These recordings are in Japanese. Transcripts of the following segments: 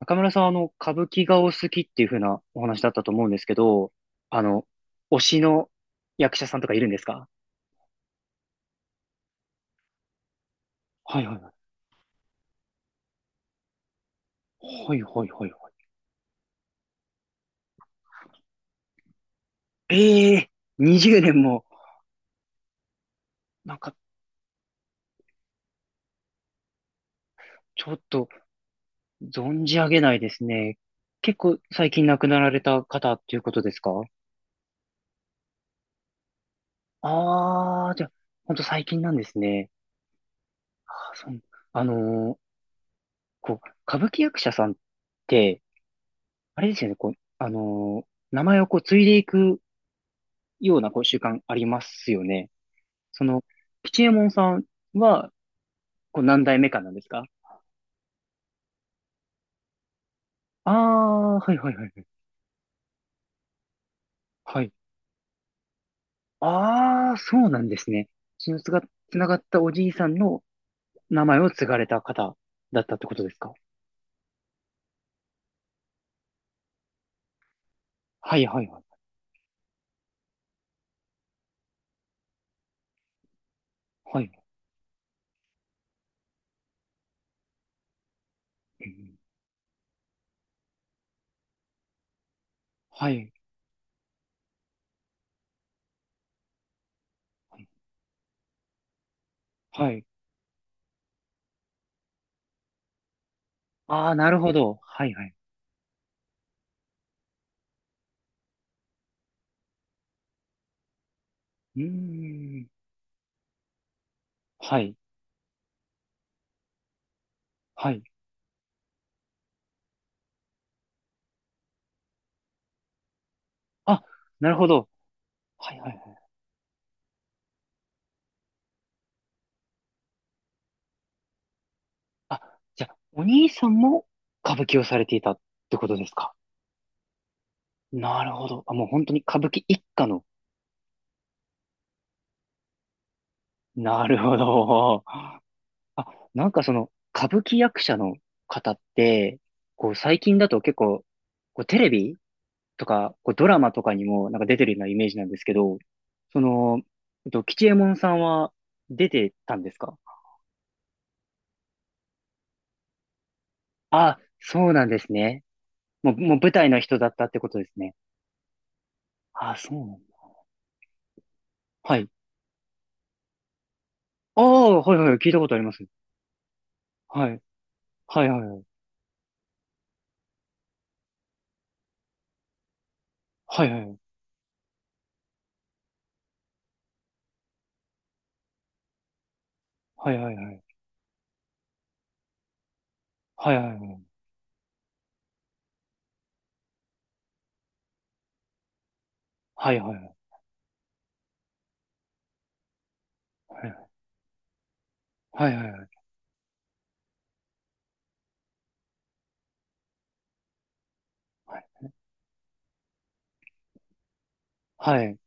中村さん、歌舞伎がお好きっていう風なお話だったと思うんですけど、あの、推しの役者さんとかいるんですか？はいはいはい。はいはいはいはい。ええー、20年も、なんか、ちょっと、存じ上げないですね。結構最近亡くなられた方っていうことですか？ああー、じゃあ、ほんと最近なんですね。あー、そう。あのーこう、歌舞伎役者さんって、あれですよね、こう、あのー名前をこう、継いでいくようなこう習慣ありますよね。その、吉右衛門さんは、こう何代目かなんですか？ああー、はいはいはいはい。はい。ああ、そうなんですね。血のつが、つながったおじいさんの名前を継がれた方だったってことですか？はいはいはい。はい。うんはい。はい。はい。ああ、なるほど。はいはい。うーん。はい。はい。あ、なるほど。はいはいはい。あ、じゃあ、お兄さんも歌舞伎をされていたってことですか？なるほど。あ、もう本当に歌舞伎一家の。なるほど。あ、なんかその、歌舞伎役者の方って、こう最近だと結構、こうテレビとか、こうドラマとかにもなんか出てるようなイメージなんですけど、その、吉右衛門さんは出てたんですか？あ、そうなんですね。もう、もう舞台の人だったってことですね。あ、そうなんだ。はい。ああ、はいはい、聞いたことあります。はい。はいはいはい。はいはいはい。はいはいはい。はいはいはい。はいはいはい。はいはいはい。はい。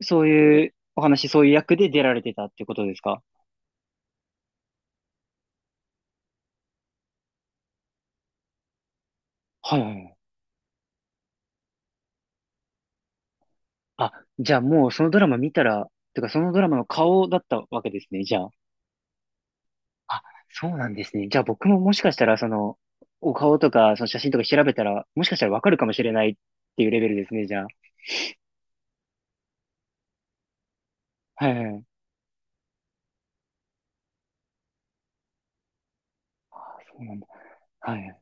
そういうお話、そういう役で出られてたってことですか？はいはいはい。あ、じゃあもうそのドラマ見たら、てかそのドラマの顔だったわけですね、じゃあ。あ、そうなんですね。じゃあ僕ももしかしたら、その、お顔とか、その写真とか調べたら、もしかしたらわかるかもしれないっていうレベルですね、じゃあ。はいはいはい。あ、そうなんだ。はい。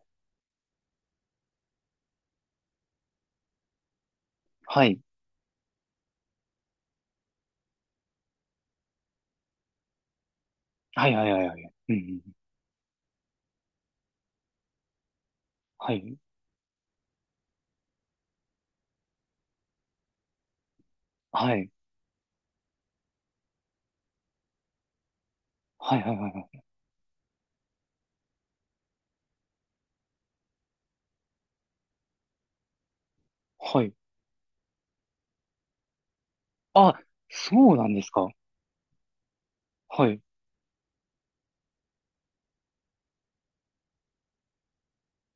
はい。はいはいはいはい。うんうん。はい。はい。はいはいはいはい。はい。あ、そうなんですか。はい。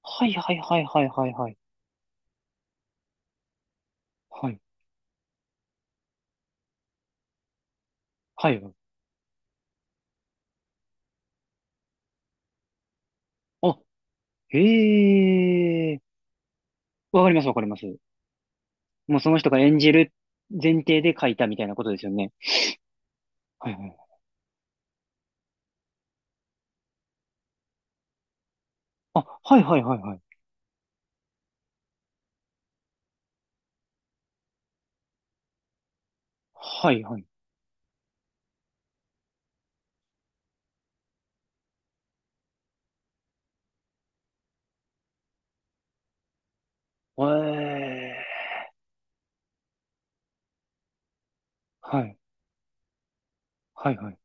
はいはいはいはいはいはい。はい。はい。あ、へえ。わかります、わかります。もうその人が演じる前提で書いたみたいなことですよね。はいはい。あ、はいはいはいはい。はいはい。ええ。はい。はいはい。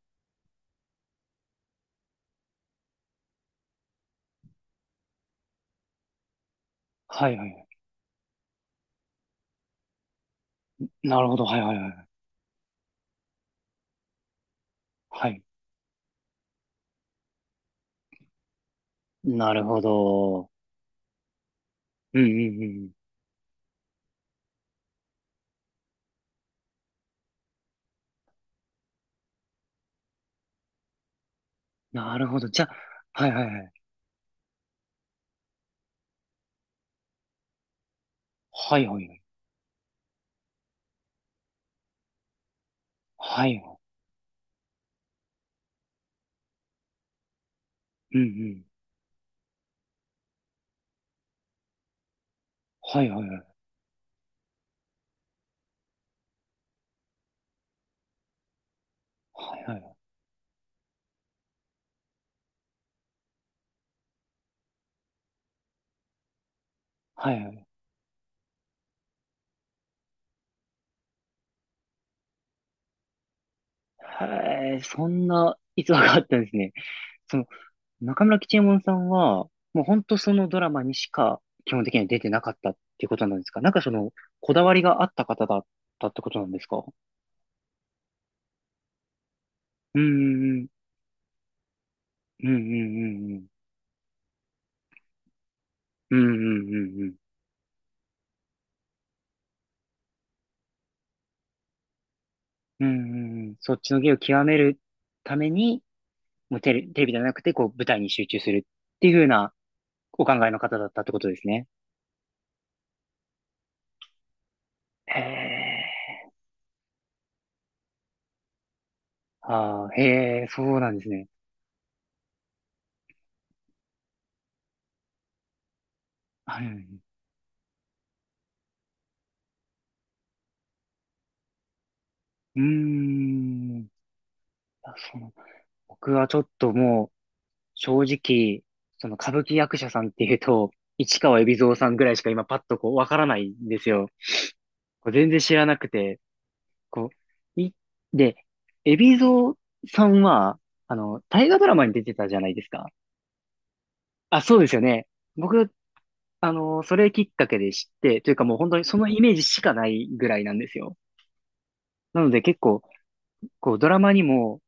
はいはい。なるほど。はいはいはい。はい。なるほど。うんうんうん。なるほど。じゃあ、はいはいはい。はいはいはい。はい。うんうん。はいはいはい。はいはいはい。はいはい。へえ、そんな逸話があったんですね。その、中村吉右衛門さんは、もう本当そのドラマにしか基本的には出てなかったっていうことなんですか？なんかその、こだわりがあった方だったってことなんですか？うん、うん、うん、うん、うん、うん、うん、うん、うん、うん、うんうんそっちの芸を極めるために、もうテレビじゃなくて、こう、舞台に集中するっていう風なお考えの方だったってことですね。へえ、ああ、へえ、そうなんですね。はいううーん。あそうなん僕はちょっともう、正直、その歌舞伎役者さんっていうと、市川海老蔵さんぐらいしか今パッとこうわからないんですよ。こう全然知らなくて、こう、で、海老蔵さんは、あの、大河ドラマに出てたじゃないですか。あ、そうですよね。僕、それきっかけで知って、というかもう本当にそのイメージしかないぐらいなんですよ。なので結構、こう、ドラマにも、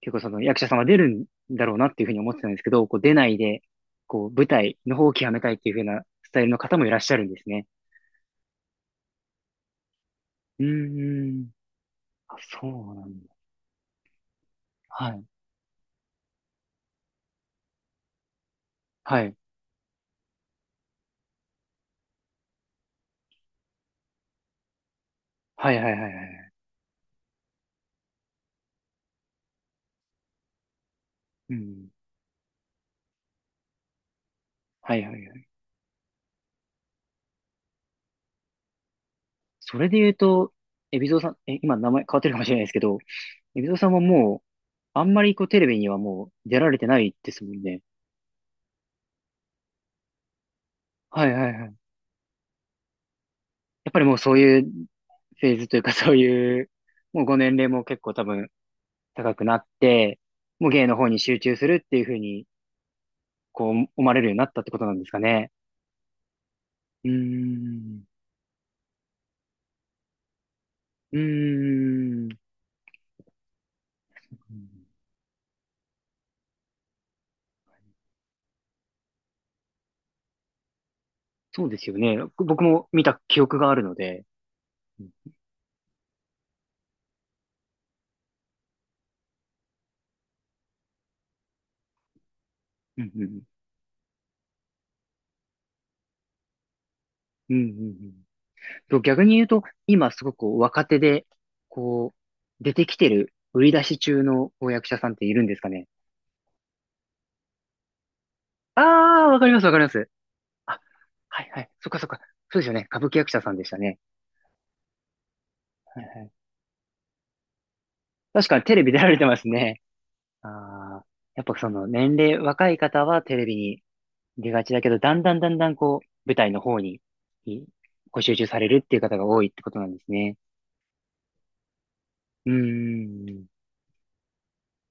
結構その役者さんは出るんだろうなっていうふうに思ってたんですけど、こう出ないで、こう舞台の方を極めたいっていうふうなスタイルの方もいらっしゃるんですね。うーん。あ、そうなんだ。はい。はい。はいはいはいはいはいはいうん。はいはいはい。それで言うと、海老蔵さん、え、今名前変わってるかもしれないですけど、海老蔵さんはもう、あんまりこうテレビにはもう出られてないですもんね。はいはいはい。やっぱりもうそういうフェーズというかそういう、もうご年齢も結構多分高くなって、もう芸の方に集中するっていうふうに、こう思われるようになったってことなんですかね。うーん。うーん。そうですよね。僕も見た記憶があるので。うんうんうん。うんうんうんと、逆に言うと、今すごく若手で、こう、出てきてる、売り出し中のこう役者さんっているんですかね。ああ、わかりますわかります。あ、はいはい。そっかそっか。そうですよね。歌舞伎役者さんでしたね。はいはい。確かにテレビ出られてますね。ああ、やっぱその年齢、若い方はテレビに出がちだけど、だんだんだんだんこう、舞台の方に、いご集中されるっていう方が多いってことなんですね。うーん。